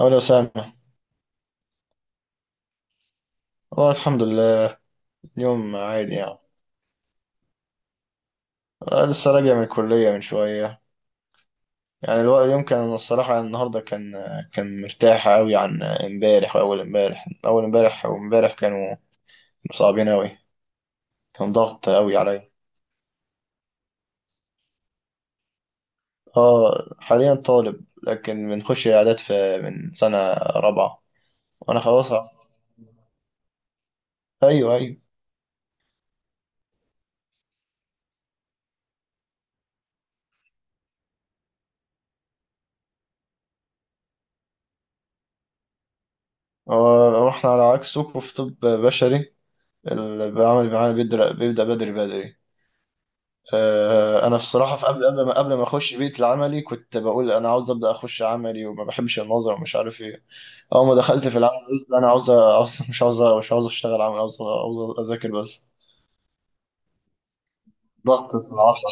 أو لو سامح. والله الحمد لله. اليوم عادي يعني. أنا لسه راجع من الكلية من شوية. يعني الوقت اليوم كان الصراحة النهاردة كان مرتاح أوي عن امبارح وأول امبارح، أول امبارح وامبارح كانوا صعبين أوي. كان ضغط أوي عليا. اه، حاليا طالب لكن بنخش إعداد في من سنة رابعة. وأنا خلاص. أيوه، أيوه. هو- هو إحنا على عكسكم في طب بشري. اللي بعمل معانا بيبدأ بدري بدري. انا بصراحه في قبل ما اخش بيت العملي كنت بقول انا عاوز ابدا اخش عملي وما بحبش النظر ومش عارف ايه. اول ما دخلت في العمل قلت لا، انا عاوز مش عاوز اشتغل عمل عاوز اذاكر بس. ضغط العصب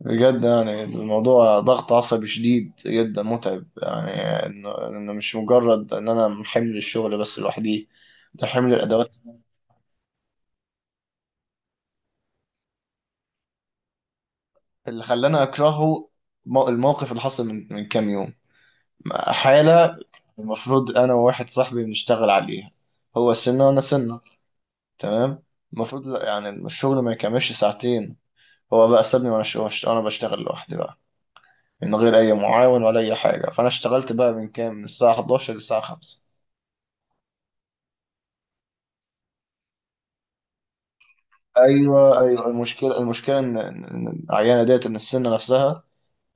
بجد، يعني الموضوع ضغط عصبي شديد جدا متعب يعني. إنه مش مجرد ان انا حمل الشغل بس لوحدي. ده حمل الادوات اللي خلاني اكرهه. الموقف اللي حصل من كام يوم. حالة المفروض أنا وواحد صاحبي بنشتغل عليها، هو سنة وأنا سنة، تمام. المفروض يعني الشغل ما يكملش ساعتين. هو بقى سابني وأنا بشتغل لوحدي بقى من غير أي معاون ولا أي حاجة، فأنا اشتغلت بقى من كام، من الساعة 11 للساعة 5. أيوه، أيوه. المشكلة إن العيانة ديت، إن السنة نفسها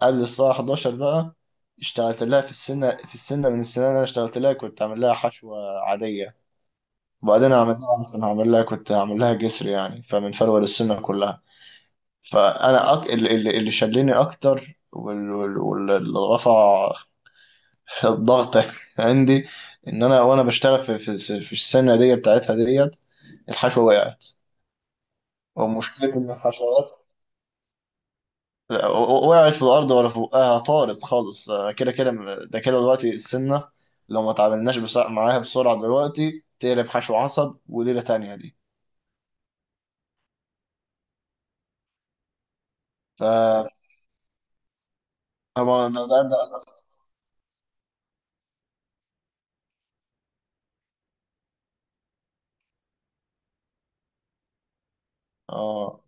قبل الساعة 11 بقى اشتغلت لها. في السنة في السنة من السنة اللي أنا اشتغلت لها كنت عامل لها حشوة عادية. وبعدين عملناها اصلا، هعمل لها، كنت هعمل لها جسر يعني، فمن فروه للسنه كلها. فانا اللي شلني اكتر، واللي رفع الضغط عندي، ان انا وانا بشتغل في السنه دي بتاعتها ديت، الحشوه وقعت. ومشكله ان الحشوات، لا، وقعت في الارض ولا فوقها؟ طارت خالص. أنا كده كده، ده كده دلوقتي السنه لو ما تعاملناش بسرعة معاها، بسرعه دلوقتي تقلب حشو عصب، وليله تانيه دي. ف هو ده. اه.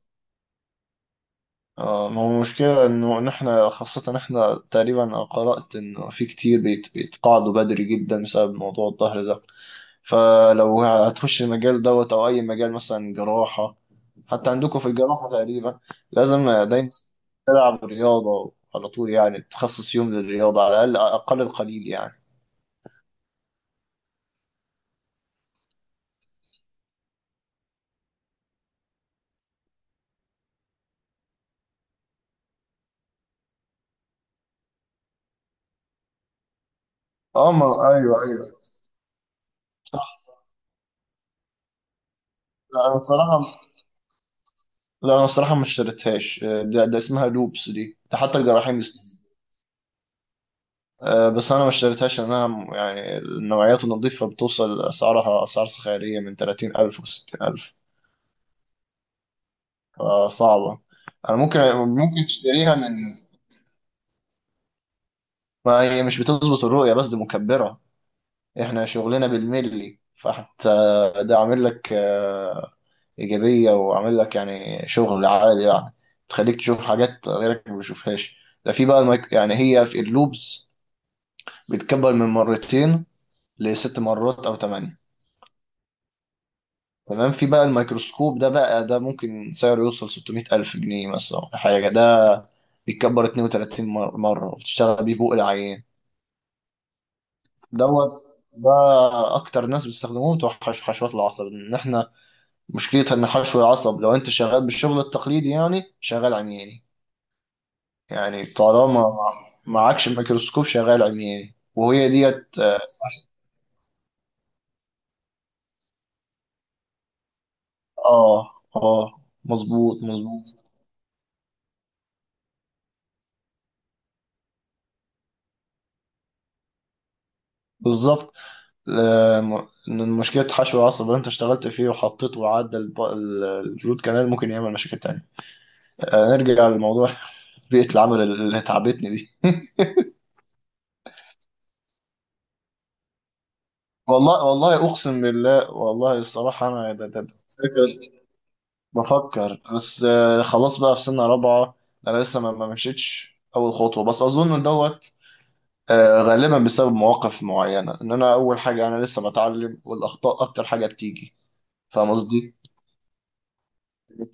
اه، ما هو المشكلة إن احنا، خاصة احنا تقريبا، أنا قرأت انه في كتير بيت بيتقاعدوا بدري جدا بسبب موضوع الظهر ده. فلو هتخش المجال دوت او اي مجال مثلا جراحة، حتى عندكم في الجراحة تقريبا لازم دايما تلعب رياضة على طول، يعني تخصص يوم للرياضة على الاقل، اقل القليل يعني. اه، ما ايوه، ايوه. صح، صح. لا انا الصراحة لا، انا الصراحة ما اشتريتهاش. ده اسمها لوبس دي، ده حتى الجراحين بيستخدموها. بس انا ما اشتريتهاش لانها يعني النوعيات النظيفه بتوصل اسعارها، اسعار خياليه من 30,000 و60000، فصعبه. انا ممكن تشتريها من. ما هي مش بتظبط الرؤيه بس، دي مكبره، احنا شغلنا بالملي، فحتى ده عامل لك ايجابيه، وعامل لك يعني شغل عالي يعني، بتخليك تشوف حاجات غيرك ما بيشوفهاش. ده في بقى يعني هي في اللوبز بتكبر من مرتين لست مرات او ثمانيه. تمام. في بقى الميكروسكوب ده بقى، ده ممكن سعره يوصل 600 ألف جنيه مثلا ولا حاجة، ده بيتكبر 32 مرة وبتشتغل بيه فوق العيان دوت. ده أكتر ناس بيستخدموه بتوع حشوات العصب. إن إحنا مشكلتها إن حشو العصب، لو أنت شغال بالشغل التقليدي، يعني شغال عمياني يعني، طالما معكش الميكروسكوب شغال عمياني، وهي ديت آه. مظبوط، مظبوط. بالظبط. إن مشكلة حشو العصب اللي انت اشتغلت فيه وحطيته وعدى الروت كانال، ممكن يعمل مشاكل تانية. نرجع للموضوع بيئة العمل اللي تعبتني دي والله، والله، أقسم بالله، والله الصراحة أنا بفكر، بس. خلاص بقى في سنة رابعة، أنا لسه ما مشيتش أول خطوة، بس أظن إن دوت غالبا بسبب مواقف معينة. إن أنا أول حاجة أنا لسه بتعلم، والأخطاء أكتر حاجة بتيجي. فاهم قصدي؟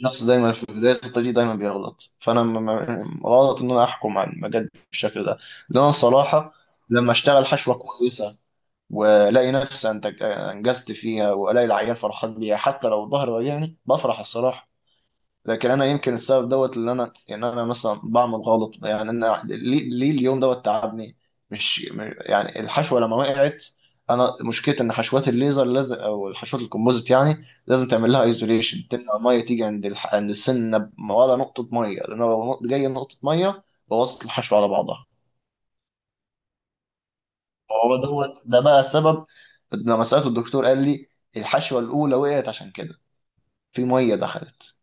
النفس دايما في بداية الطريق دايما بيغلط، فأنا غلط إن أنا أحكم على المجال بالشكل ده. لأن أنا الصراحة لما أشتغل حشوة كويسة وألاقي نفسي أنتج، أنجزت فيها، وألاقي العيال فرحان بيها، حتى لو ظهري وجعني بفرح الصراحة. لكن انا يمكن السبب دوت اللي انا يعني انا مثلا بعمل غلط، يعني انا ليه اليوم دوت تعبني. مش م- يعني الحشوه لما وقعت، انا مشكلتي ان حشوات الليزر لازم، او الحشوات الكومبوزيت يعني لازم تعمل لها ايزوليشن تمنع الميه تيجي عند عند السنه ولا نقطه ميه، لان لو جايه نقطه ميه بوظت الحشوه على بعضها. هو دوت ده بقى سبب، لما سالته الدكتور قال لي الحشوه الاولى وقعت عشان كده، في ميه دخلت.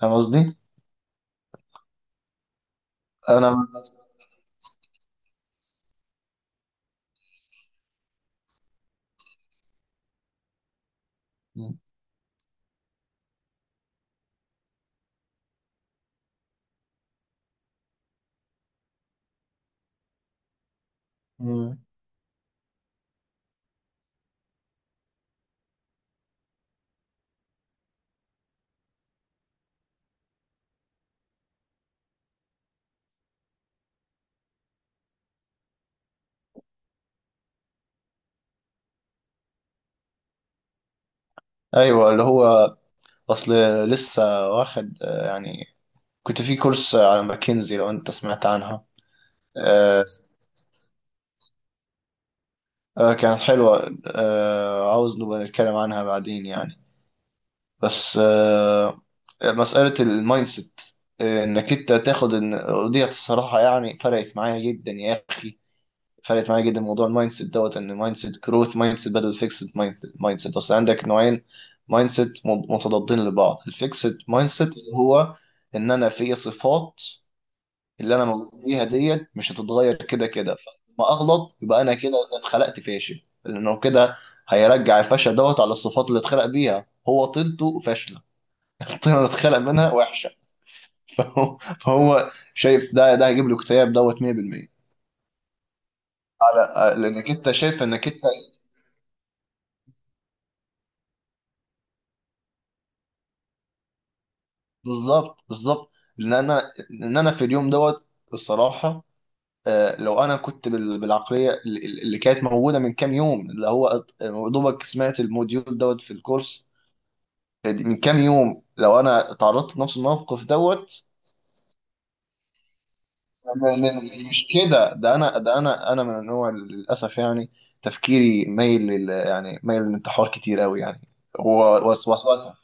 فاهم قصدي؟ انا. مم. ايوه، اللي هو اصل لسه واخد يعني كنت في كورس على ماكنزي، لو انت سمعت عنها. آه، كانت حلوه، عاوز نبقى نتكلم عنها بعدين يعني، بس مساله المايند سيت، انك انت تاخد ان وديت الصراحه يعني فرقت معايا جدا يا اخي. فرقت معايا جدا موضوع المايند سيت دوت، ان مايند سيت جروث، مايند سيت بدل فيكسد مايند سيت. اصل عندك نوعين مايند سيت متضادين لبعض، الفيكسد مايند سيت اللي هو ان انا في صفات اللي انا موجود بيها ديت مش هتتغير كده كده، فلما اغلط يبقى انا كده اتخلقت فاشل، لانه كده هيرجع الفشل دوت على الصفات اللي اتخلق بيها، هو طينته فاشله. الطينه اللي اتخلق منها وحشه فهو شايف ده هيجيب له اكتئاب دوت 100%. لانك انت شايف انك انت. بالظبط، بالظبط، لان انا، ان انا في اليوم دوت الصراحه. لو انا كنت بالعقليه اللي كانت موجوده من كام يوم، اللي هو أط- دوبك سمعت الموديول دوت في الكورس من كام يوم، لو انا تعرضت لنفس الموقف دوت مش كده. ده انا ده انا انا من النوع اللي للاسف يعني تفكيري مايل يعني مايل للانتحار كتير قوي يعني. هو وسواس،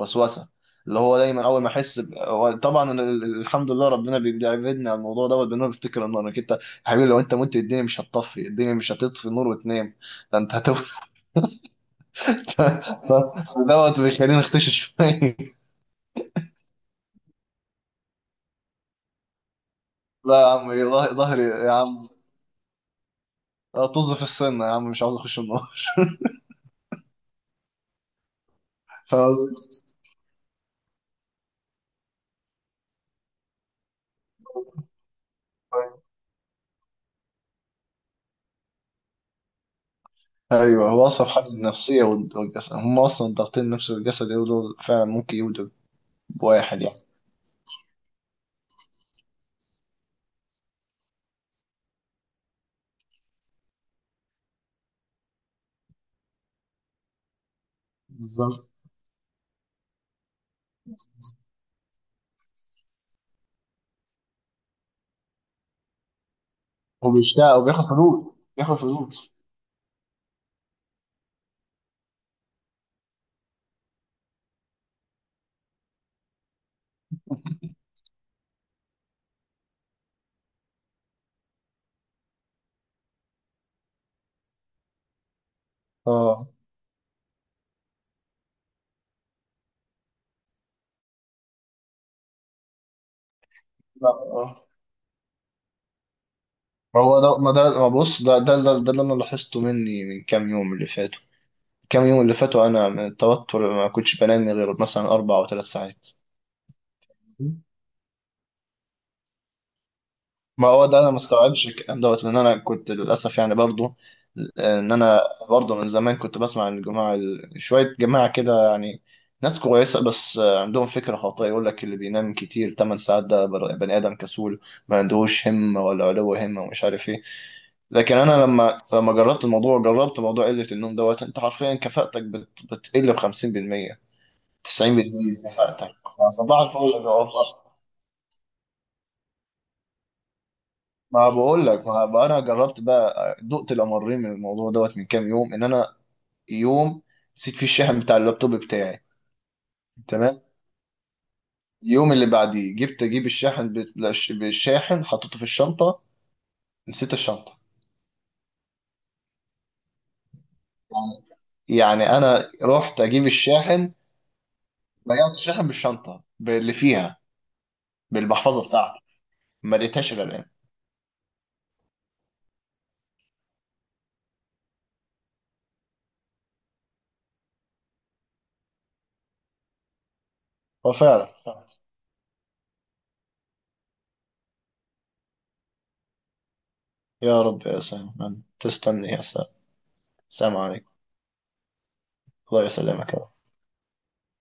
وسوسه، اللي هو دايما اول ما احس هو طبعا أنا الحمد لله ربنا بيبعدني عن الموضوع دوت، بان انا بفتكر النار. انك انت يا حبيبي، لو انت مت الدنيا مش هتطفي، الدنيا مش هتطفي النور وتنام، ده انت هتولد. دوت بيخليني اختشي شويه لا يا عم، إيه، ظهري يا عم. طز في السن يا عم، مش عاوز اخش النار. فاهم قصدي؟ ايوه، هو اصعب حاجه النفسيه والجسد، هم اصلا ضاغطين النفس والجسد يقولوا، دول فعلا ممكن يودوا بواحد يعني. بالظبط. هو بيشتاق وبياخد فلوس، بياخد فلوس. اه. لا، اه، ما هو ده ما ده ما بص، ده اللي انا لاحظته مني من كام يوم اللي فاتوا. كام يوم اللي فاتوا انا من التوتر ما كنتش بنام غير مثلا 4 أو 3 ساعات. ما هو ده انا ما استوعبش الكلام دوت، لان انا كنت للاسف يعني برضو، ان انا برضو من زمان كنت بسمع عن الجماعه شويه جماعه كده يعني، ناس كويسه بس عندهم فكره خاطئه يقول لك اللي بينام كتير 8 ساعات ده بني ادم كسول، ما عندهوش همه ولا علو همه، ومش عارف ايه. لكن انا لما جربت الموضوع، جربت موضوع قله النوم دوت، انت حرفيا كفاءتك بتقل ب 50%، 90% كفاءتك. فصباح الفل يا جماعة. ما بقول لك، ما بقى انا جربت بقى، دقت الامرين من الموضوع دوت من كام يوم، ان انا يوم نسيت فيه الشاحن بتاع اللابتوب بتاعي، تمام. اليوم اللي بعديه جبت اجيب الشاحن بالشاحن، حطيته في الشنطه، نسيت الشنطه. يعني، يعني انا رحت اجيب الشاحن، ضيعت الشاحن بالشنطه باللي فيها، بالمحفظه بتاعتي، ما لقيتهاش الا الان. وفعلا. يا رب، يا سلام، تستني، يا سلام. سلام عليكم. الله يسلمك.